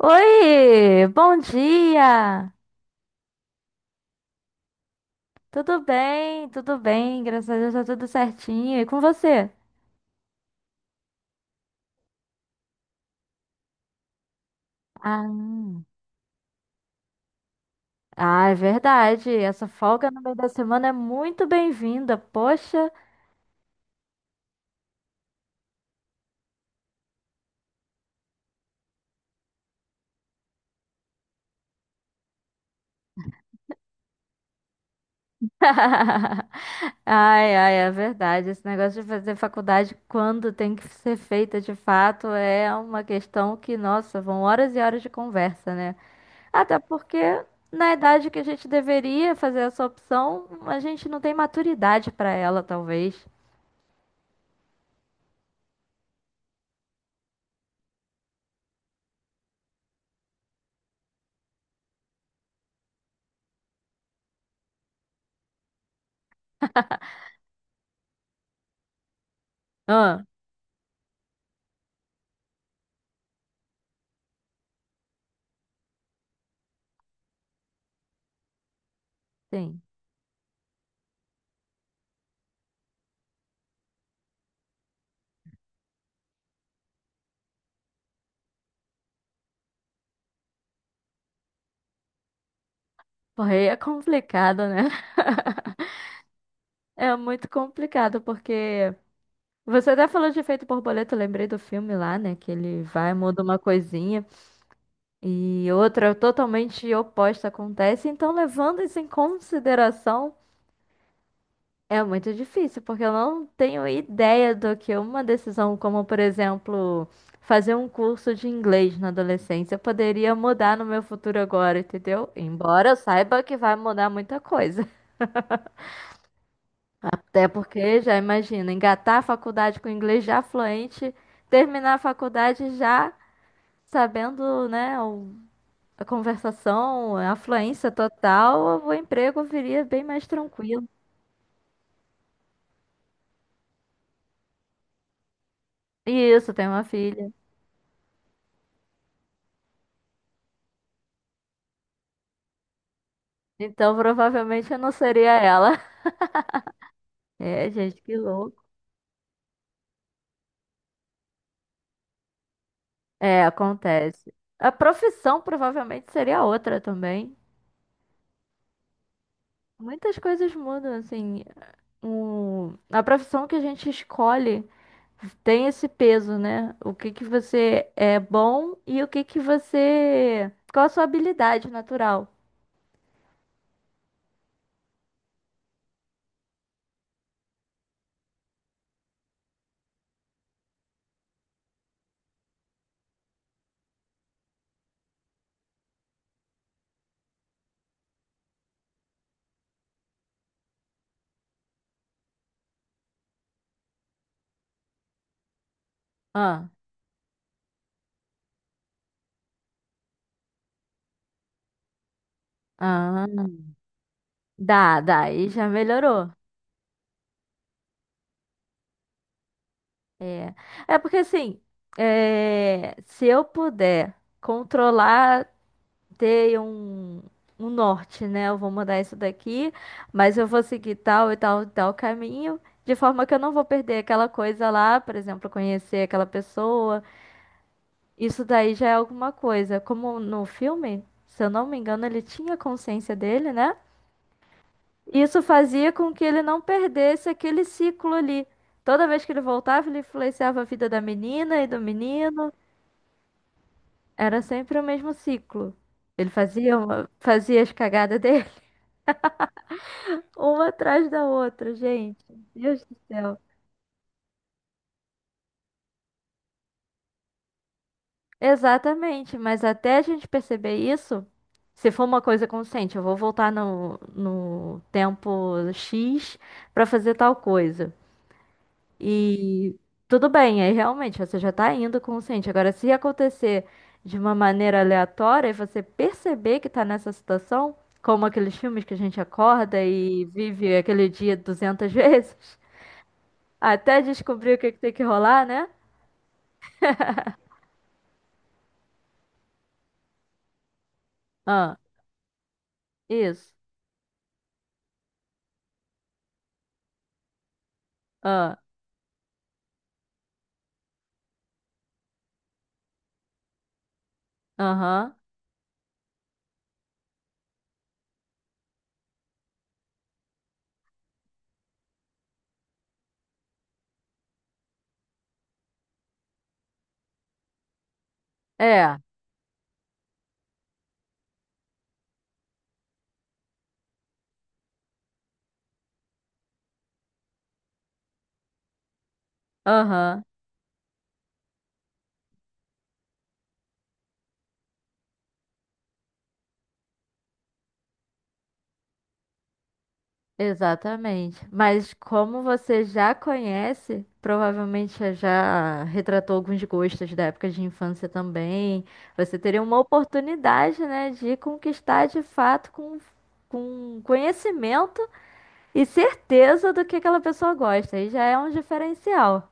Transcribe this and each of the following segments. Oi, bom dia! Tudo bem, graças a Deus tá tudo certinho. E com você? Ah, ah, é verdade. Essa folga no meio da semana é muito bem-vinda, poxa. Ai, ai, é verdade. Esse negócio de fazer faculdade quando tem que ser feita de fato é uma questão que, nossa, vão horas e horas de conversa, né? Até porque, na idade que a gente deveria fazer essa opção, a gente não tem maturidade pra ela, talvez. Ah, sim. Porra, aí é complicado, né? É muito complicado, porque você até falou de efeito borboleta, eu lembrei do filme lá, né? Que ele vai, muda uma coisinha e outra totalmente oposta acontece. Então, levando isso em consideração, é muito difícil, porque eu não tenho ideia do que uma decisão como, por exemplo, fazer um curso de inglês na adolescência poderia mudar no meu futuro agora, entendeu? Embora eu saiba que vai mudar muita coisa. Até porque, já imagina, engatar a faculdade com inglês já fluente, terminar a faculdade já sabendo, né, a conversação, a fluência total, o emprego viria bem mais tranquilo. E isso, tem uma filha. Então, provavelmente eu não seria ela. É, gente, que louco. É, acontece. A profissão provavelmente seria outra também. Muitas coisas mudam, assim. A profissão que a gente escolhe tem esse peso, né? O que que você é bom e o que que você. Qual a sua habilidade natural? Ah, ah, dá, dá, aí já melhorou. É, é porque assim, é, se eu puder controlar. Ter um norte, né? Eu vou mudar isso daqui, mas eu vou seguir tal e tal e tal caminho, de forma que eu não vou perder aquela coisa lá, por exemplo, conhecer aquela pessoa. Isso daí já é alguma coisa. Como no filme, se eu não me engano, ele tinha consciência dele, né? Isso fazia com que ele não perdesse aquele ciclo ali. Toda vez que ele voltava, ele influenciava a vida da menina e do menino. Era sempre o mesmo ciclo. Ele fazia, fazia as cagadas uma atrás da outra, gente. Deus do céu. Exatamente, mas até a gente perceber isso, se for uma coisa consciente, eu vou voltar no tempo X para fazer tal coisa. E tudo bem, aí realmente você já tá indo consciente. Agora, se acontecer de uma maneira aleatória e você perceber que tá nessa situação, como aqueles filmes que a gente acorda e vive aquele dia 200 vezes, até descobrir o que que tem que rolar, né? Ah. Isso. Ah. Aham. É. Aham. Exatamente. Mas como você já conhece, provavelmente já já retratou alguns gostos da época de infância também. Você teria uma oportunidade, né, de conquistar de fato com conhecimento e certeza do que aquela pessoa gosta. Aí já é um diferencial.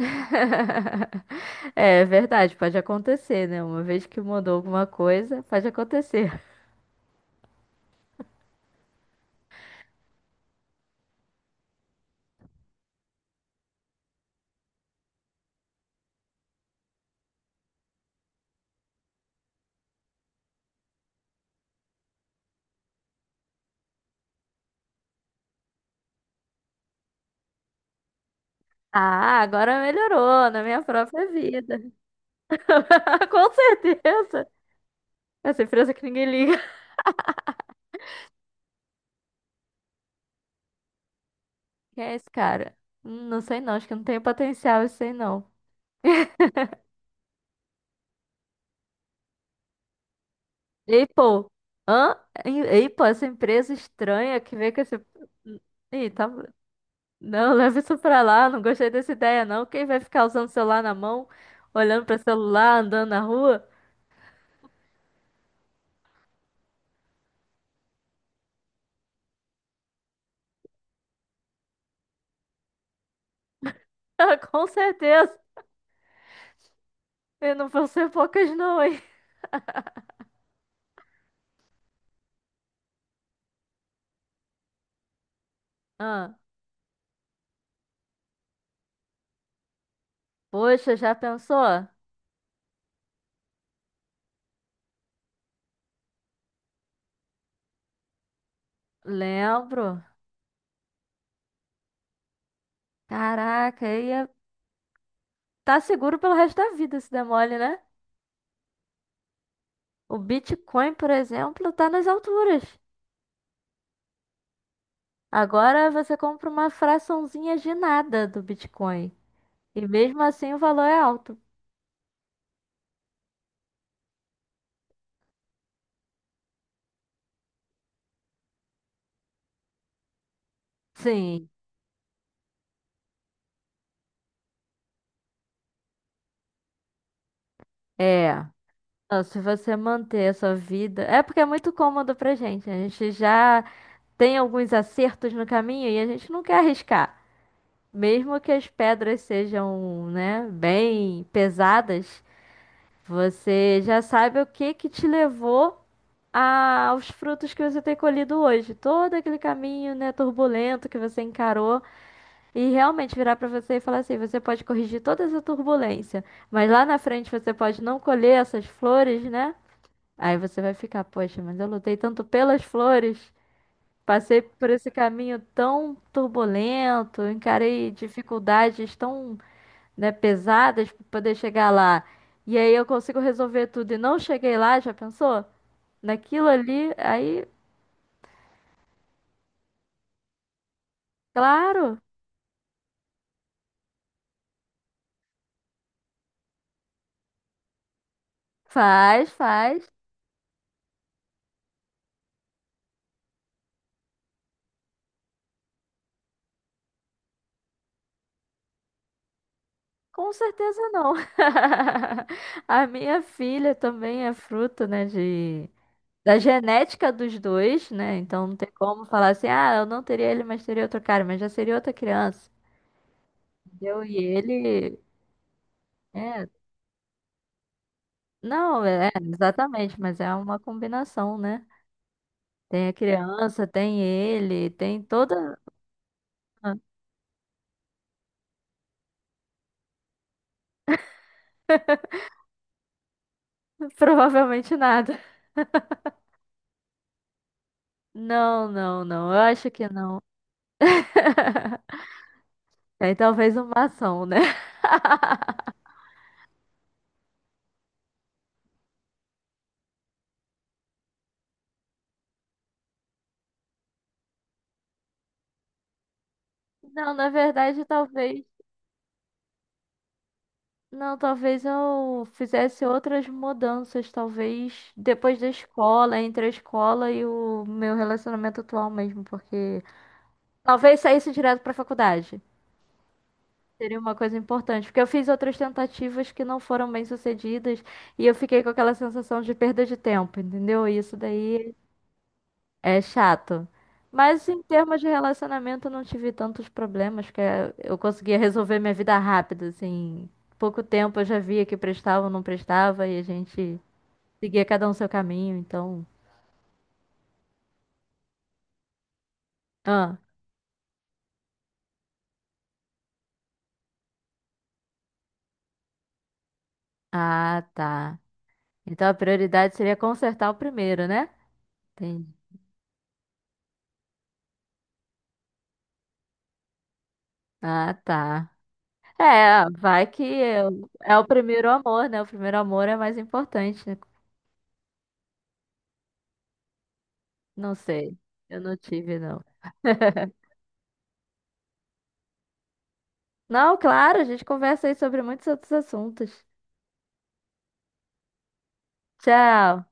É verdade, pode acontecer, né? Uma vez que mudou alguma coisa, pode acontecer. Ah, agora melhorou na minha própria vida. Com certeza. Essa empresa que ninguém liga. Quem é esse cara? Não sei não, acho que não tem potencial, isso aí não. Ei, pô. Hã? Ei, pô, essa empresa estranha que veio com esse... Hum. Ih, tá... Não, leva isso pra lá, não gostei dessa ideia não. Quem vai ficar usando o celular na mão, olhando pra celular, andando na rua? Com certeza. E não vão ser poucas não, hein? Ah, poxa, já pensou? Lembro. Caraca, ia tá seguro pelo resto da vida se der mole, né? O Bitcoin, por exemplo, tá nas alturas. Agora você compra uma fraçãozinha de nada do Bitcoin. E mesmo assim o valor é alto. Sim, é. Não, se você manter a sua vida. É porque é muito cômodo pra gente. A gente já tem alguns acertos no caminho e a gente não quer arriscar. Mesmo que as pedras sejam, né, bem pesadas, você já sabe o que que te levou aos frutos que você tem colhido hoje. Todo aquele caminho, né, turbulento que você encarou e realmente virar para você e falar assim, você pode corrigir toda essa turbulência, mas lá na frente você pode não colher essas flores, né? Aí você vai ficar, poxa, mas eu lutei tanto pelas flores, passei por esse caminho tão turbulento, encarei dificuldades tão, né, pesadas para poder chegar lá. E aí eu consigo resolver tudo e não cheguei lá, já pensou? Naquilo ali, aí claro, faz, faz. Com certeza não. A minha filha também é fruto, né, de da genética dos dois, né? Então não tem como falar assim, ah, eu não teria ele, mas teria outro cara, mas já seria outra criança. Entendeu? E ele é, não, é, exatamente, mas é uma combinação, né? Tem a criança, tem ele, tem toda, provavelmente nada. Não, não, não. Eu acho que não. É talvez uma ação, né? Não, na verdade, talvez. Não, talvez eu fizesse outras mudanças, talvez depois da escola, entre a escola e o meu relacionamento atual mesmo, porque talvez saísse direto pra faculdade. Seria uma coisa importante, porque eu fiz outras tentativas que não foram bem sucedidas e eu fiquei com aquela sensação de perda de tempo, entendeu? E isso daí é chato. Mas em termos de relacionamento, eu não tive tantos problemas, porque eu conseguia resolver minha vida rápido, assim. Pouco tempo eu já via que prestava ou não prestava, e a gente seguia cada um seu caminho, então. Ah, ah, tá. Então a prioridade seria consertar o primeiro, né? Entendi. Ah, tá. É, vai que é, o é o primeiro amor, né? O primeiro amor é mais importante, né? Não sei. Eu não tive, não. Não, claro, a gente conversa aí sobre muitos outros assuntos. Tchau.